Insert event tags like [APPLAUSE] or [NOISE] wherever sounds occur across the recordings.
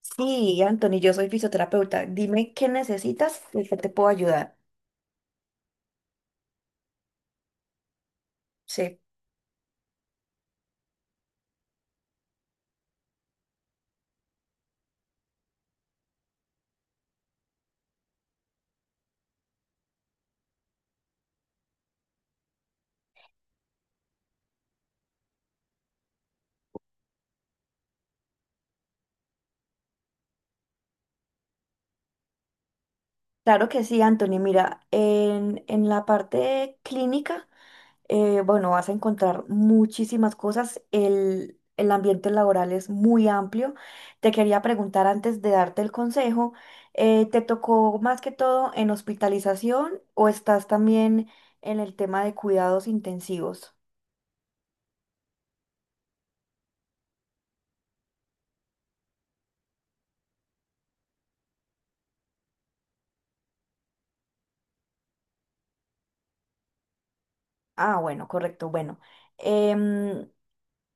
Sí, Anthony, yo soy fisioterapeuta. Dime qué necesitas y qué te puedo ayudar. Sí. Claro que sí, Anthony. Mira, en la parte clínica, bueno, vas a encontrar muchísimas cosas. El ambiente laboral es muy amplio. Te quería preguntar antes de darte el consejo, ¿te tocó más que todo en hospitalización o estás también en el tema de cuidados intensivos? Ah, bueno, correcto. Bueno. em,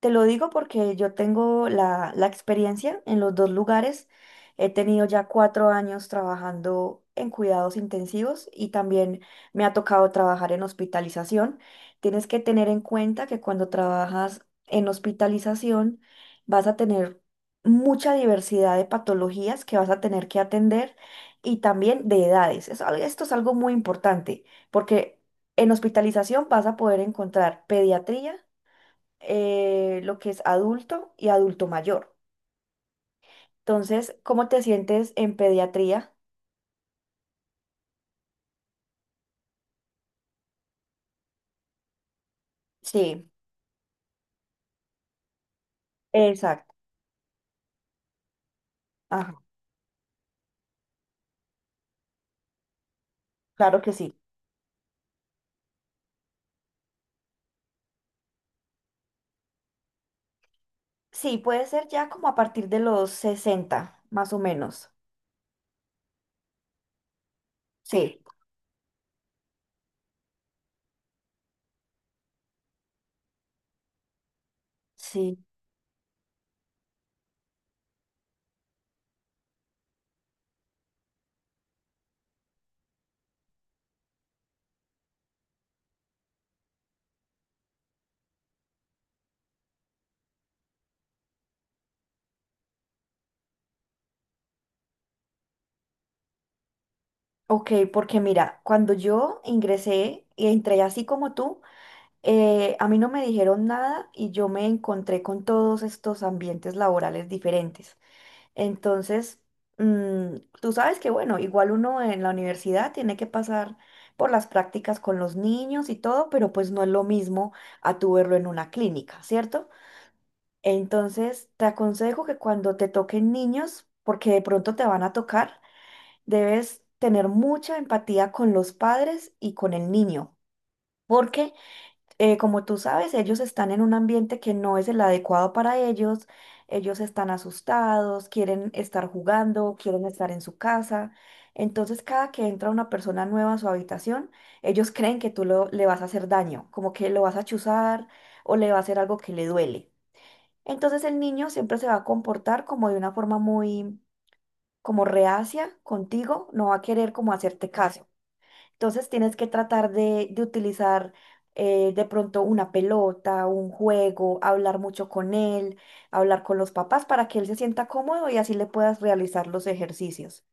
Te lo digo porque yo tengo la experiencia en los dos lugares. He tenido ya 4 años trabajando en cuidados intensivos y también me ha tocado trabajar en hospitalización. Tienes que tener en cuenta que cuando trabajas en hospitalización vas a tener mucha diversidad de patologías que vas a tener que atender y también de edades. Esto es algo muy importante porque en hospitalización vas a poder encontrar pediatría, lo que es adulto y adulto mayor. Entonces, ¿cómo te sientes en pediatría? Sí, exacto. Ajá, claro que sí. Sí, puede ser ya como a partir de los 60, más o menos. Sí, sí. Ok, porque mira, cuando yo ingresé y entré así como tú, a mí no me dijeron nada y yo me encontré con todos estos ambientes laborales diferentes. Entonces, mm, tú sabes que, bueno, igual uno en la universidad tiene que pasar por las prácticas con los niños y todo, pero pues no es lo mismo a tu verlo en una clínica, ¿cierto? Entonces, te aconsejo que cuando te toquen niños, porque de pronto te van a tocar, debes tener mucha empatía con los padres y con el niño, porque como tú sabes, ellos están en un ambiente que no es el adecuado para ellos, ellos están asustados, quieren estar jugando, quieren estar en su casa. Entonces, cada que entra una persona nueva a su habitación, ellos creen que tú le vas a hacer daño, como que lo vas a chuzar o le va a hacer algo que le duele. Entonces, el niño siempre se va a comportar como de una forma muy, como reacia contigo, no va a querer como hacerte caso. Entonces tienes que tratar de utilizar, de pronto una pelota, un juego, hablar mucho con él, hablar con los papás para que él se sienta cómodo y así le puedas realizar los ejercicios.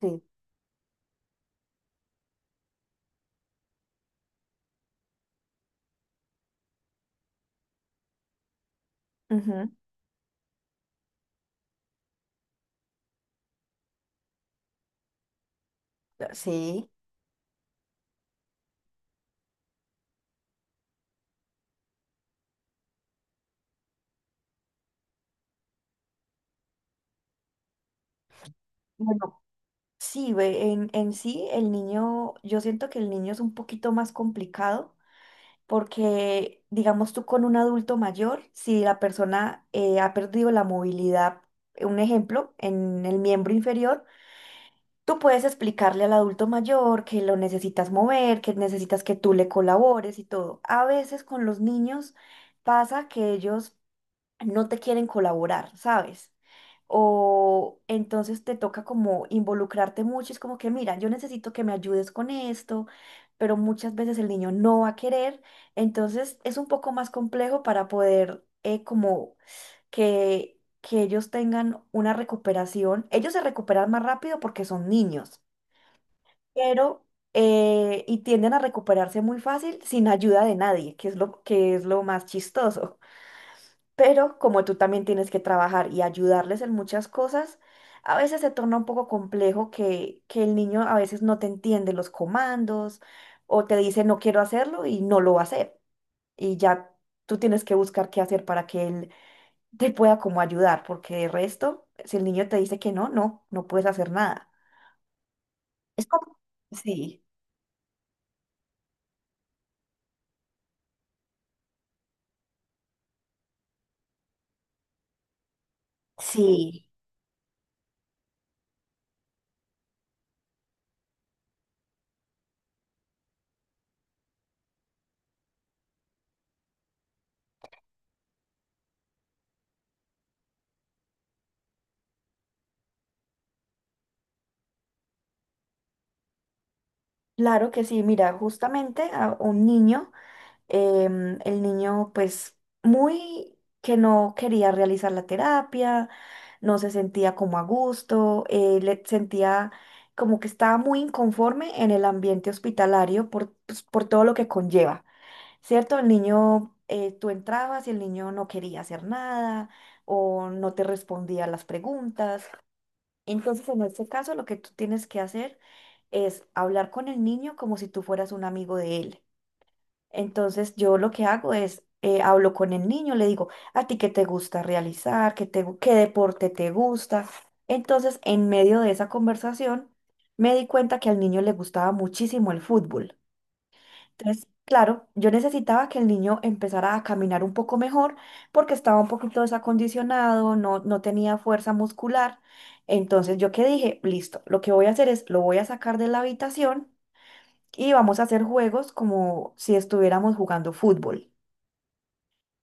Sí. Ujú. Sí. Bueno, sí, ve, en sí el niño, yo siento que el niño es un poquito más complicado porque, digamos tú con un adulto mayor, si la persona, ha perdido la movilidad, un ejemplo, en el miembro inferior. Tú puedes explicarle al adulto mayor que lo necesitas mover, que necesitas que tú le colabores y todo. A veces con los niños pasa que ellos no te quieren colaborar, ¿sabes? O entonces te toca como involucrarte mucho, es como que, mira, yo necesito que me ayudes con esto, pero muchas veces el niño no va a querer, entonces es un poco más complejo para poder, que ellos tengan una recuperación. Ellos se recuperan más rápido porque son niños, pero y tienden a recuperarse muy fácil sin ayuda de nadie, que es que es lo más chistoso. [LAUGHS] Pero como tú también tienes que trabajar y ayudarles en muchas cosas, a veces se torna un poco complejo que el niño a veces no te entiende los comandos o te dice no quiero hacerlo y no lo va a hacer. Y ya tú tienes que buscar qué hacer para que él te pueda como ayudar, porque de resto, si el niño te dice que no, no, no puedes hacer nada. Es como... Sí, sí. Claro que sí, mira, justamente a un niño, el niño pues muy que no quería realizar la terapia, no se sentía como a gusto, le sentía como que estaba muy inconforme en el ambiente hospitalario por, pues, por todo lo que conlleva, ¿cierto? El niño, tú entrabas y el niño no quería hacer nada o no te respondía a las preguntas. Entonces, en este caso, lo que tú tienes que hacer es hablar con el niño como si tú fueras un amigo de él. Entonces, yo lo que hago es, hablo con el niño, le digo, ¿a ti qué te gusta realizar? ¿Qué deporte te gusta? Entonces, en medio de esa conversación, me di cuenta que al niño le gustaba muchísimo el fútbol. Entonces, claro, yo necesitaba que el niño empezara a caminar un poco mejor porque estaba un poquito desacondicionado, no tenía fuerza muscular. Entonces, yo que dije, listo, lo que voy a hacer es, lo voy a sacar de la habitación y vamos a hacer juegos como si estuviéramos jugando fútbol.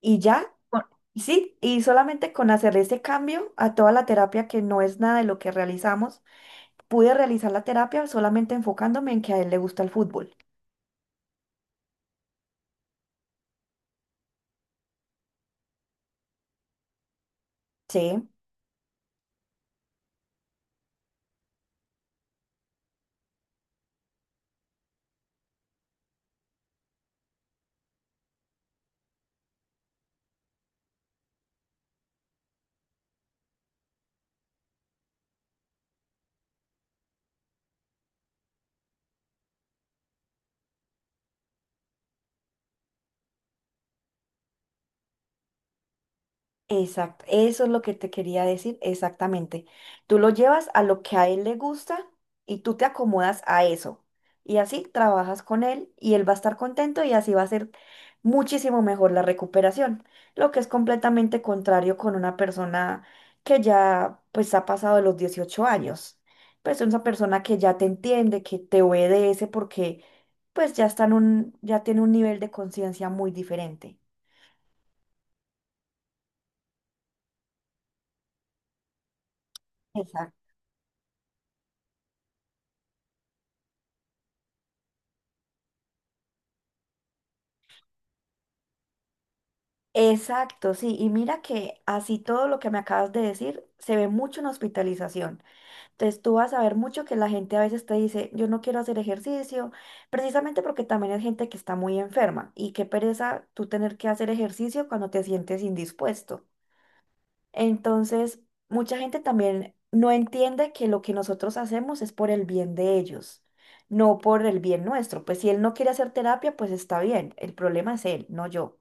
Y ya, con- sí, y solamente con hacer ese cambio a toda la terapia que no es nada de lo que realizamos, pude realizar la terapia solamente enfocándome en que a él le gusta el fútbol. Sí. Exacto, eso es lo que te quería decir exactamente. Tú lo llevas a lo que a él le gusta y tú te acomodas a eso. Y así trabajas con él y él va a estar contento y así va a ser muchísimo mejor la recuperación, lo que es completamente contrario con una persona que ya pues ha pasado de los 18 años. Pues es una persona que ya te entiende, que te obedece porque pues ya está en un, ya tiene un nivel de conciencia muy diferente. Exacto. Exacto, sí, y mira que así todo lo que me acabas de decir se ve mucho en hospitalización. Entonces tú vas a ver mucho que la gente a veces te dice, yo no quiero hacer ejercicio, precisamente porque también hay gente que está muy enferma y qué pereza tú tener que hacer ejercicio cuando te sientes indispuesto. Entonces, mucha gente también no entiende que lo que nosotros hacemos es por el bien de ellos, no por el bien nuestro. Pues si él no quiere hacer terapia, pues está bien, el problema es él, no yo.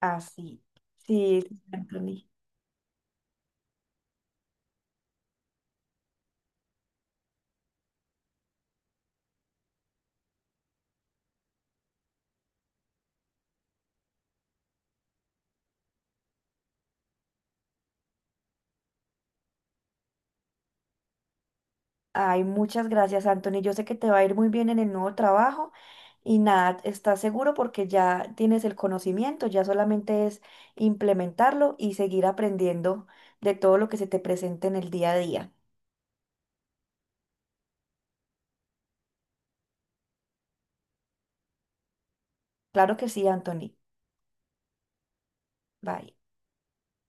Así. Sí, sí, Anthony. Ay, muchas gracias, Anthony. Yo sé que te va a ir muy bien en el nuevo trabajo y nada, estás seguro porque ya tienes el conocimiento, ya solamente es implementarlo y seguir aprendiendo de todo lo que se te presente en el día a día. Claro que sí, Anthony. Bye.